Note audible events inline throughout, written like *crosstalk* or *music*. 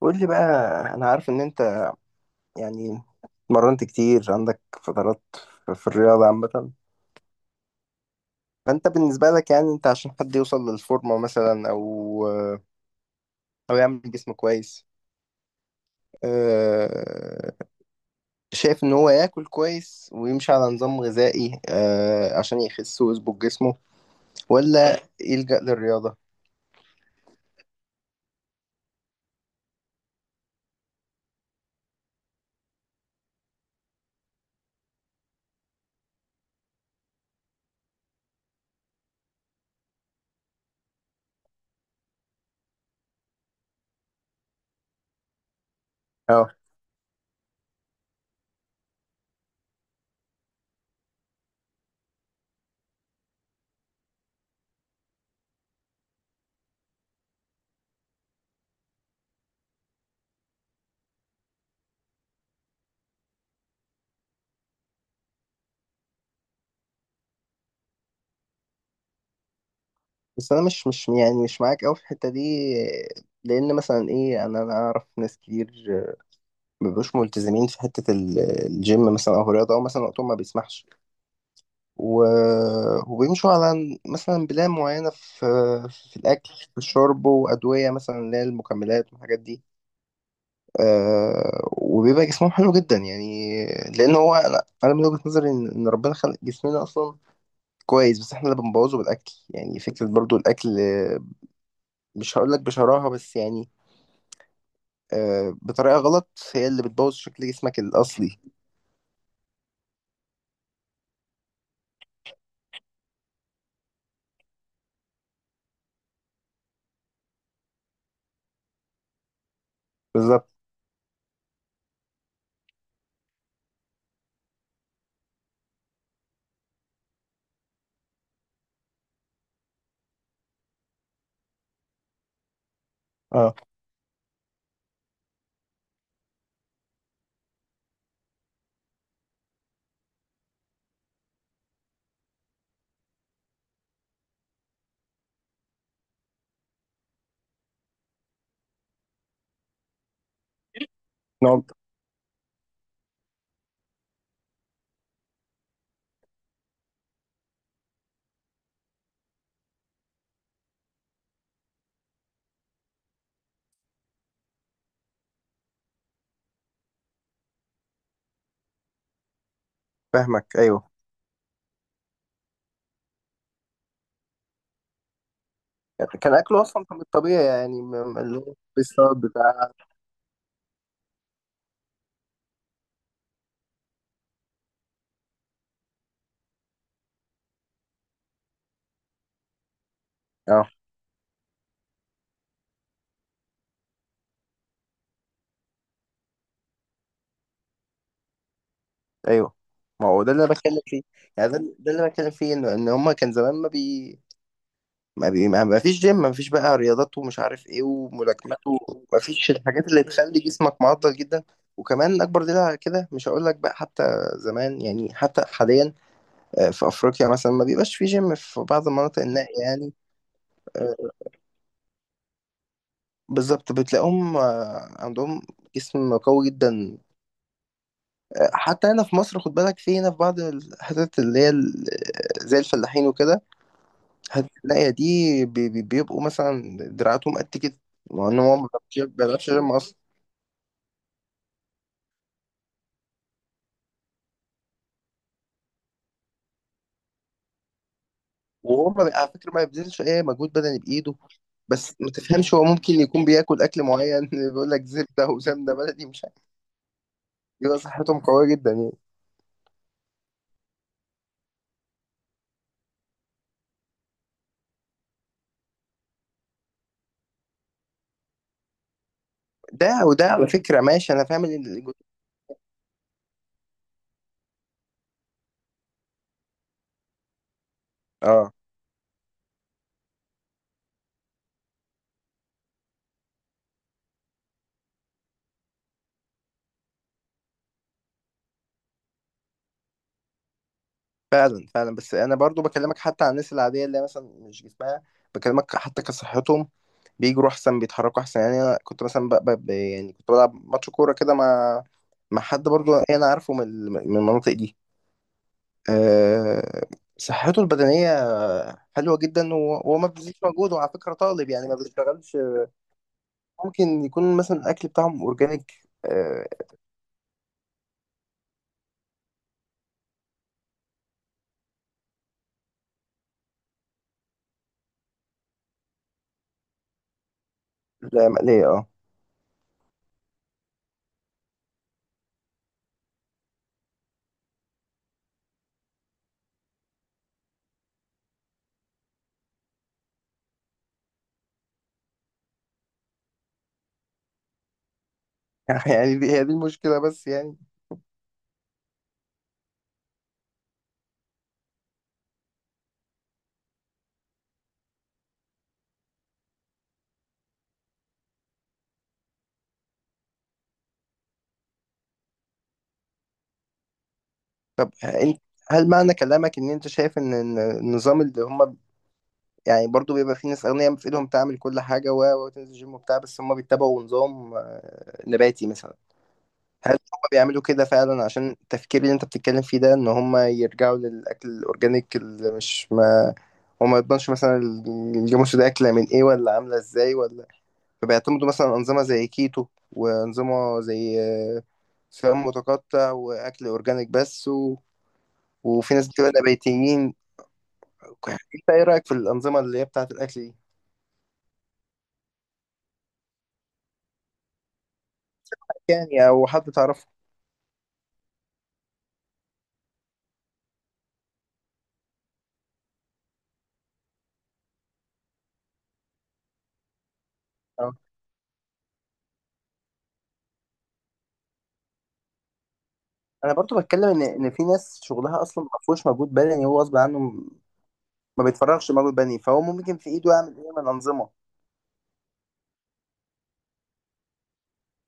قول لي بقى. انا عارف ان انت، يعني، اتمرنت كتير. عندك فترات في الرياضة عامة، فانت بالنسبة لك يعني، انت عشان حد يوصل للفورمة مثلا، او او يعمل جسم كويس، آه، شايف ان هو ياكل كويس ويمشي على نظام غذائي عشان يخس ويظبط جسمه، ولا يلجأ للرياضة؟ اه. بس انا مش يعني مش معاك قوي في الحتة دي، لان مثلا ايه، انا اعرف ناس كتير مبيبقوش ملتزمين في حتة الجيم مثلا، أو الرياضة، أو مثلا وقتهم ما بيسمحش، و... وبيمشوا على مثلا بلان معينة في الأكل، في الشرب، وأدوية مثلا اللي هي المكملات والحاجات دي، وبيبقى جسمهم حلو جدا يعني. لأن هو، أنا من وجهة نظري إن ربنا خلق جسمنا أصلا كويس، بس إحنا اللي بنبوظه بالأكل. يعني فكرة برضو الأكل، مش هقولك بشراهة، بس يعني، بطريقة غلط، هي اللي بتبوظ شكل جسمك الأصلي. بالظبط. اه، نوع. فاهمك. ايوه، كان اكله اصلا كان الطبيعي يعني، اللي هو بالصوت بتاع. اه. ايوه، ما هو ده اللي انا بتكلم فيه. يعني ده اللي انا بتكلم فيه، ان هما كان زمان ما فيش جيم، ما فيش بقى رياضات ومش عارف ايه وملاكمات، وما فيش الحاجات اللي تخلي جسمك معضل جدا. وكمان اكبر دليل على كده، مش هقول لك بقى حتى زمان، يعني حتى حاليا، في افريقيا مثلا ما بيبقاش في جيم في بعض المناطق النائية يعني. آه، بالظبط، بتلاقيهم عندهم جسم قوي جدا. حتى هنا في مصر، خد بالك، في هنا في بعض الحتت اللي هي زي الفلاحين وكده، هتلاقي دي بيبقوا مثلا دراعاتهم قد كده، مع ان هو ما بيعرفش يرمي اصلا. وهو ما بي- على فكره ما بيبذلش اي مجهود بدني بايده. بس ما تفهمش، هو ممكن يكون بياكل اكل معين، *laughs* بيقول لك زبده وسمنه بلدي، مش عارف. بيبقى صحتهم قويه جدا يعني. ده وده على فكره، ماشي، انا فاهم ان اه. فعلا فعلا. بس انا برضو بكلمك حتى عن الناس العاديه، اللي هي مثلا مش جسمها، بكلمك حتى كصحتهم. بيجروا احسن، بيتحركوا احسن. يعني انا كنت مثلا يعني كنت بلعب ماتش كوره كده مع مع حد برضو انا عارفه من المناطق دي. أه... صحته البدنيه حلوه جدا، وهو ما بيبذلش مجهود، وعلى فكره طالب يعني، ما بيشتغلش. ممكن يكون مثلا الاكل بتاعهم اورجانيك. أه... لا، مقليه، اه. *laughs* يعني دي هي دي المشكله، بس يعني. طب انت، هل معنى كلامك ان انت شايف إن النظام اللي هم، يعني برضو بيبقى فيه ناس اغنياء في ايدهم تعمل كل حاجه، وتنزل جيم وبتاع، بس هم بيتبعوا نظام نباتي مثلا، هل هم بيعملوا كده فعلا عشان التفكير اللي انت بتتكلم فيه ده، ان هم يرجعوا للاكل الاورجانيك اللي مش ما، وما يضمنش مثلا الجاموس ده اكله من ايه ولا عامله ازاي ولا، فبيعتمدوا مثلا انظمه زي كيتو، وانظمه زي صيام متقطع، واكل اورجانيك بس، وفي ناس بتبقى نباتيين؟ يعني *laughs* انت ايه رايك في الانظمه اللي هي بتاعه الاكل دي؟ يعني، او حد تعرفه؟ اه. انا برضو بتكلم ان في ناس شغلها اصلا ما فيهوش مجهود بدني، هو غصب عنه ما بيتفرغش مجهود بدني، فهو ممكن في ايده يعمل ايه من انظمه؟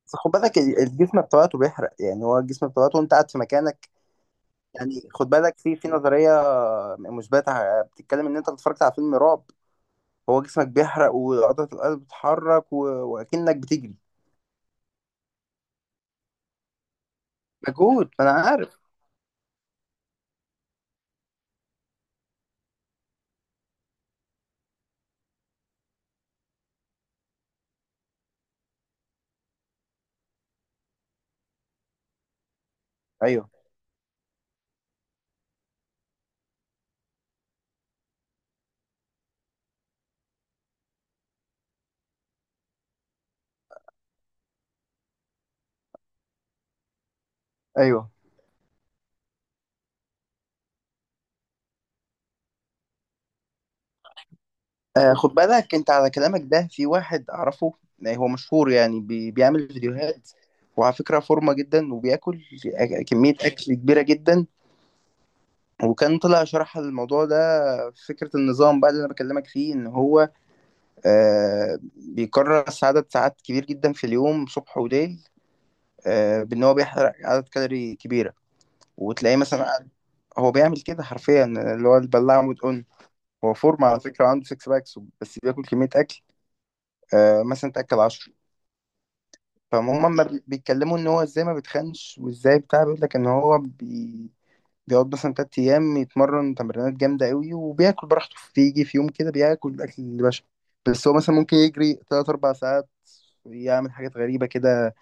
بس خد بالك، الجسم بتاعته بيحرق، يعني هو الجسم بتاعته وانت قاعد في مكانك. يعني خد بالك في نظريه مثبته، بتتكلم ان انت اتفرجت على فيلم رعب، هو جسمك بيحرق وعضله القلب بتتحرك، واكنك بتجري. مجهود، ما انا عارف. ايوه. ايوه. خد بالك انت على كلامك ده، في واحد اعرفه، هو مشهور يعني بيعمل فيديوهات، وعلى فكرة فورمة جدا، وبياكل كمية اكل كبيرة جدا، وكان طلع شرح الموضوع ده في فكرة النظام بقى اللي انا بكلمك فيه، ان هو آه بيكرس عدد ساعات كبير جدا في اليوم، صبح وليل، آه بان هو بيحرق عدد كالوري كبيرة. وتلاقيه مثلا هو بيعمل كده حرفيا، اللي هو البلاعة مدقن. هو فورمة على فكرة، وعنده سكس باكس، بس بياكل كمية اكل، آه مثلا تاكل 10. فهم ما بي- بيتكلموا ان هو، ازاي ما بيتخنش، وازاي بتاع، بيقول لك ان هو بيقعد مثلا تلات ايام يتمرن تمرينات جامده قوي، وبياكل براحته، بيجي في يوم كده بياكل الاكل اللي باشا، بس هو مثلا ممكن يجري تلات اربع ساعات، يعمل حاجات غريبه كده.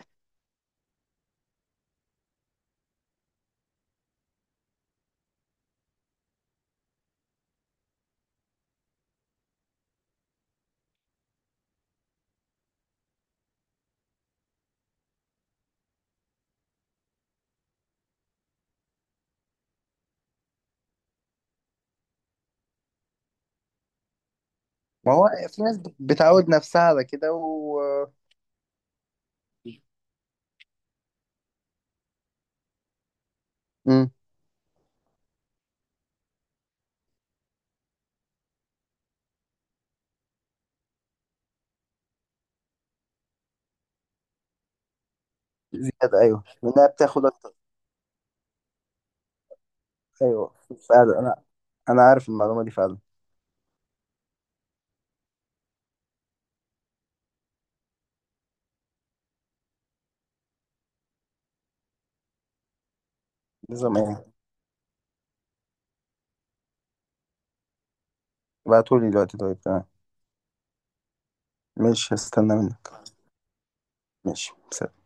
ما هو في ناس بتعود نفسها على كده. و... مم. زياده، ايوه، لانها بتاخد اكتر. ايوه فعلا. انا، انا عارف المعلومه دي فعلا. نظام ايه؟ ابعتولي دلوقتي، طيب، تمام. ماشي، هستنى منك. ماشي، سلام.